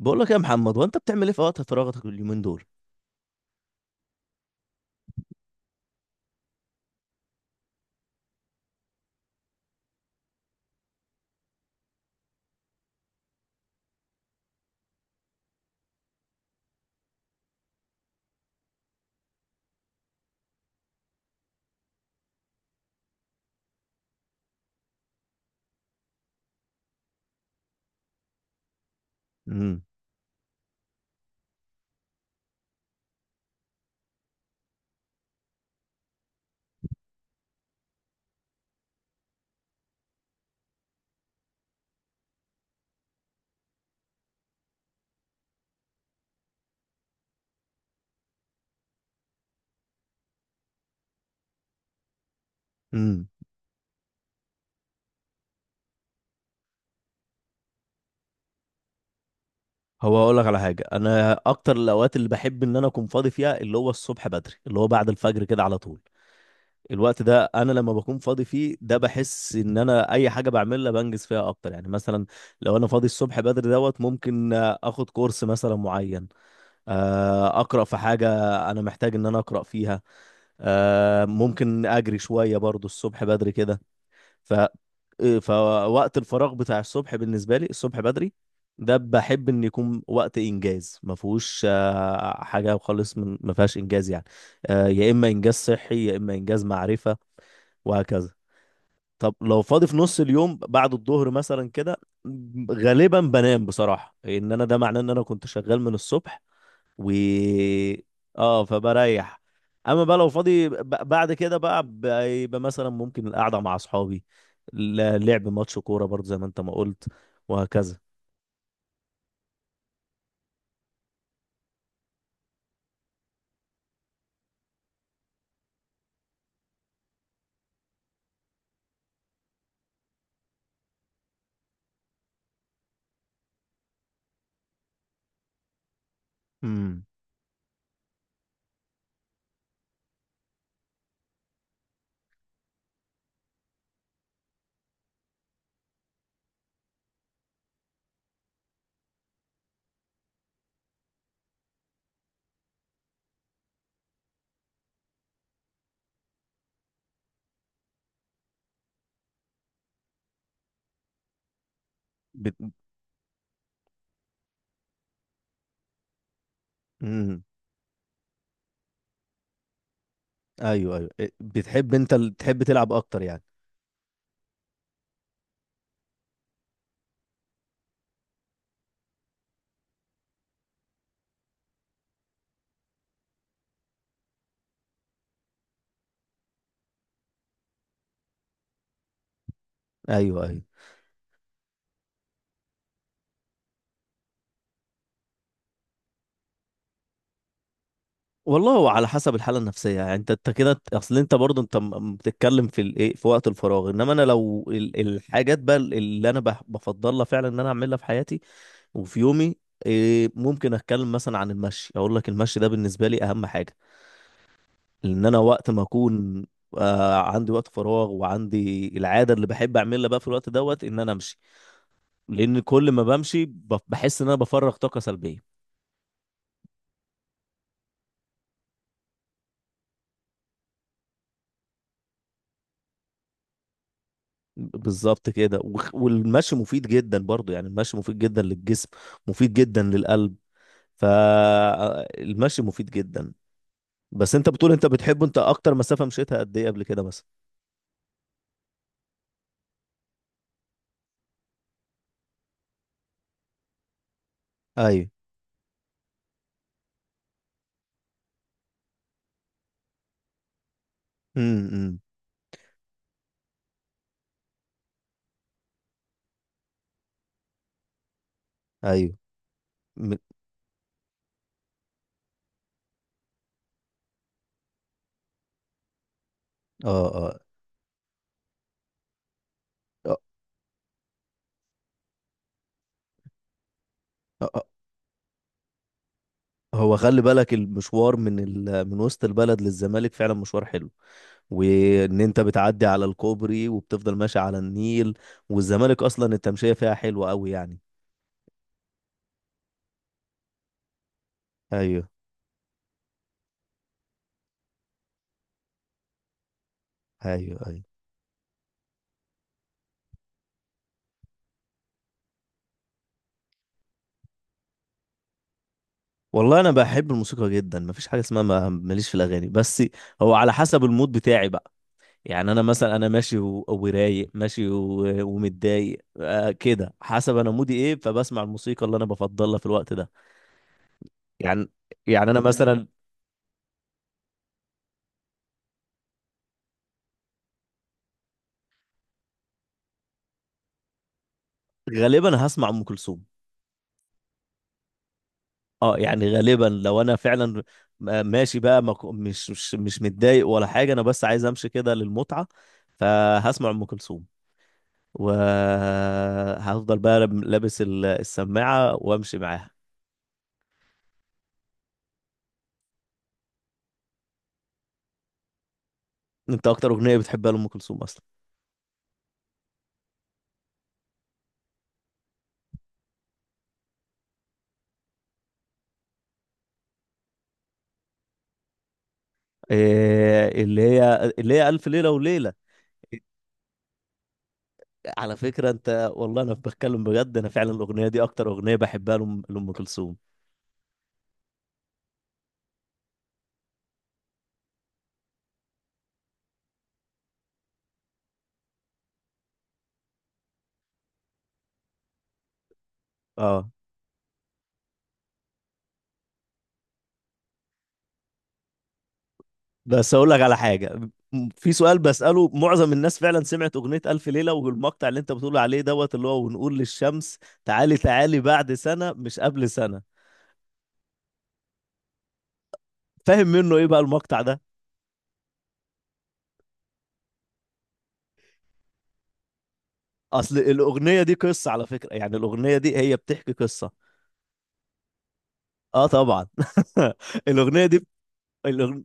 بقول لك يا محمد، وانت بتعمل ايه في وقت فراغك اليومين دول؟ امم. امم. هو هقول لك على حاجه. انا اكتر الاوقات اللي بحب ان انا اكون فاضي فيها اللي هو الصبح بدري، اللي هو بعد الفجر كده على طول. الوقت ده انا لما بكون فاضي فيه ده بحس ان انا اي حاجه بعملها بنجز فيها اكتر، يعني مثلا لو انا فاضي الصبح بدري دوت ممكن اخد كورس مثلا معين. اقرا في حاجه انا محتاج ان انا اقرا فيها. ممكن اجري شويه برضو الصبح بدري كده. ف آه، فوقت الفراغ بتاع الصبح بالنسبه لي الصبح بدري، ده بحب ان يكون وقت انجاز ما فيهوش حاجه خالص، من ما فيهاش انجاز يعني. يا اما انجاز صحي يا اما انجاز معرفه، وهكذا. طب لو فاضي في نص اليوم بعد الظهر مثلا كده، غالبا بنام بصراحه، ان انا ده معناه ان انا كنت شغال من الصبح و اه، فبريح. اما بقى لو فاضي، بعد كده بقى بيبقى مثلا ممكن القعده مع اصحابي، لعب ماتش كوره برضه زي ما انت ما قلت، وهكذا. امم. بت... مم. ايوه، ايوه، بتحب انت تحب تلعب اكتر يعني؟ ايوه، ايوه. والله هو على حسب الحاله النفسيه، يعني انت كده، اصل انت برضه انت بتتكلم في الايه في وقت الفراغ، انما انا لو الحاجات بقى اللي انا بفضلها فعلا ان انا اعملها في حياتي وفي يومي. إيه، ممكن اتكلم مثلا عن المشي. اقول لك المشي ده بالنسبه لي اهم حاجه، لان انا وقت ما اكون عندي وقت فراغ وعندي العاده اللي بحب اعملها بقى في الوقت دوت ان انا امشي. لان كل ما بمشي بحس ان انا بفرغ طاقه سلبيه. بالظبط كده. والمشي مفيد جدا برضو، يعني المشي مفيد جدا للجسم، مفيد جدا للقلب، فالمشي مفيد جدا. بس انت بتقول انت بتحبه، انت اكتر مسافه مشيتها قد ايه قبل كده مثلا؟ ايوه. امم. ايوه. اه. اه. آه. آه. آه. هو خلي بالك المشوار من وسط البلد للزمالك فعلا مشوار حلو، وان انت بتعدي على الكوبري وبتفضل ماشي على النيل. والزمالك اصلا التمشية فيها حلوة قوي يعني. ايوه، ايوه، ايوه. والله انا بحب الموسيقى جدا، مفيش حاجة اسمها ماليش في الاغاني، بس هو على حسب المود بتاعي بقى. يعني انا مثلا، انا ماشي ورايق، ماشي ومتضايق، كده حسب انا مودي ايه، فبسمع الموسيقى اللي انا بفضلها في الوقت ده. يعني يعني انا مثلا، غالبا هسمع ام كلثوم. اه، يعني غالبا لو انا فعلا ماشي بقى، ما ك- مش متضايق ولا حاجه، انا بس عايز امشي كده للمتعه، فهسمع ام كلثوم. وهفضل بقى لابس السماعه وامشي معاها. انت اكتر اغنيه بتحبها لام كلثوم اصلا؟ إيه، اللي هي الف ليله وليله. على فكره انت، والله انا بتكلم بجد، انا فعلا الاغنيه دي اكتر اغنيه بحبها لأم كلثوم. اه. بس اقول لك على حاجه. في سؤال بساله، معظم الناس فعلا سمعت اغنيه الف ليله والمقطع اللي انت بتقول عليه دوت اللي هو ونقول للشمس تعالي تعالي بعد سنه مش قبل سنه. فاهم منه ايه بقى المقطع ده؟ اصل الاغنيه دي قصه على فكره، يعني الاغنيه دي هي بتحكي قصه. اه، طبعا. الاغنيه دي. الأغن...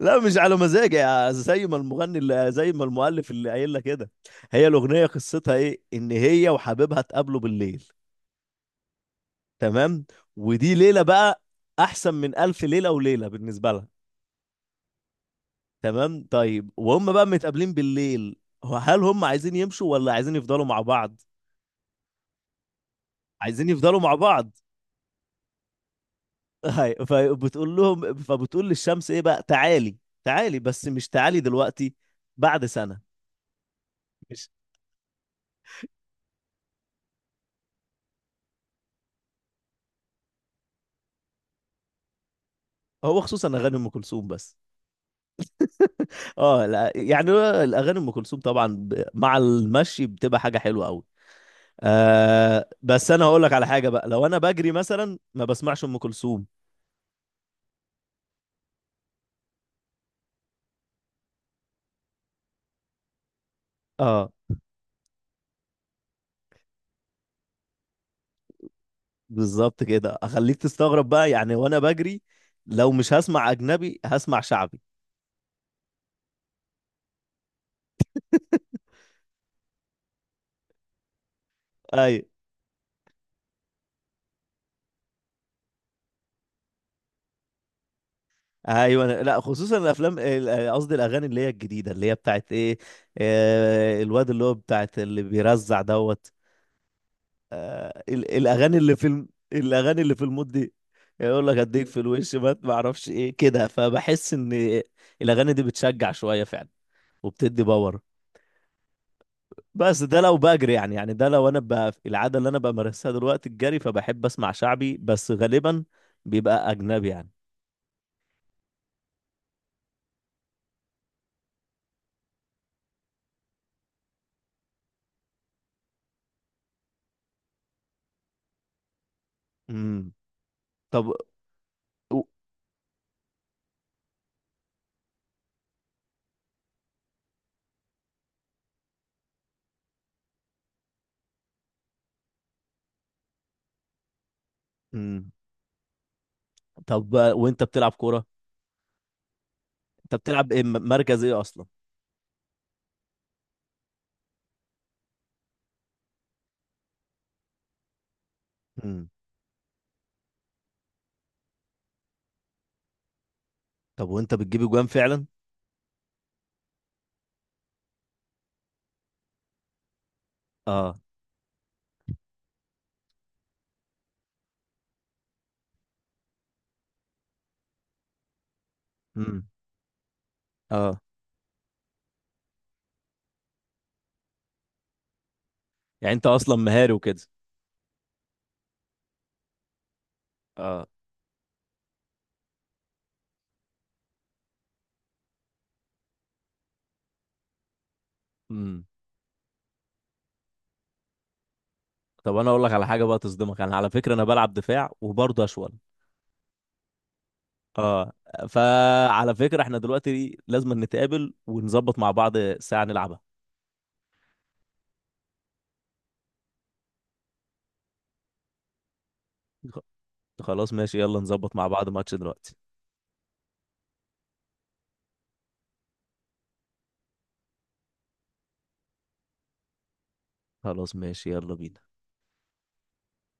لا، مش على مزاجي، زي ما المؤلف اللي قايل لك كده. هي الاغنيه قصتها ايه؟ ان هي وحبيبها اتقابلوا بالليل. تمام، ودي ليلة بقى أحسن من ألف ليلة وليلة بالنسبة لها. تمام. طيب، وهم بقى متقابلين بالليل، هو هل هم عايزين يمشوا ولا عايزين يفضلوا مع بعض؟ عايزين يفضلوا مع بعض. هاي، فبتقول للشمس ايه بقى تعالي، تعالي بس مش تعالي دلوقتي، بعد سنة. مش هو خصوصا اغاني ام كلثوم بس. اه، لا، يعني الاغاني ام كلثوم طبعا، مع المشي بتبقى حاجة حلوة قوي. بس انا هقول لك على حاجه بقى، لو انا بجري مثلا ما بسمعش ام كلثوم. اه، بالظبط كده، اخليك تستغرب بقى يعني وانا بجري، لو مش هسمع اجنبي هسمع شعبي. ايوه، ايوه، لا، خصوصا قصدي الاغاني اللي هي الجديده اللي هي بتاعت ايه، الواد اللي هو بتاعت اللي بيرزع دوت، الاغاني اللي في المود دي، يقول لك اديك في الوش ما اعرفش ايه كده، فبحس ان الاغاني دي بتشجع شويه فعلا وبتدي باور. بس ده لو بجري، يعني ده لو انا بقى العاده اللي انا بمارسها دلوقتي الجري، فبحب اسمع شعبي بس غالبا بيبقى اجنبي يعني. امم. طب و... امم. طب بقى، وانت بتلعب كوره، انت بتلعب ايه مركز ايه اصلا؟ امم. طب وانت بتجيب اجوان فعلا؟ اه. امم. اه، يعني انت اصلا مهاري وكده؟ اه. امم. طب انا اقول لك على حاجه بقى تصدمك، انا على فكره انا بلعب دفاع وبرضه اشول. اه، فعلى فكرة احنا دلوقتي لازم نتقابل ونظبط مع بعض ساعة نلعبها. خ- خلاص، ماشي، يلا نظبط مع بعض ماتش دلوقتي. خلاص، ماشي، يلا بينا.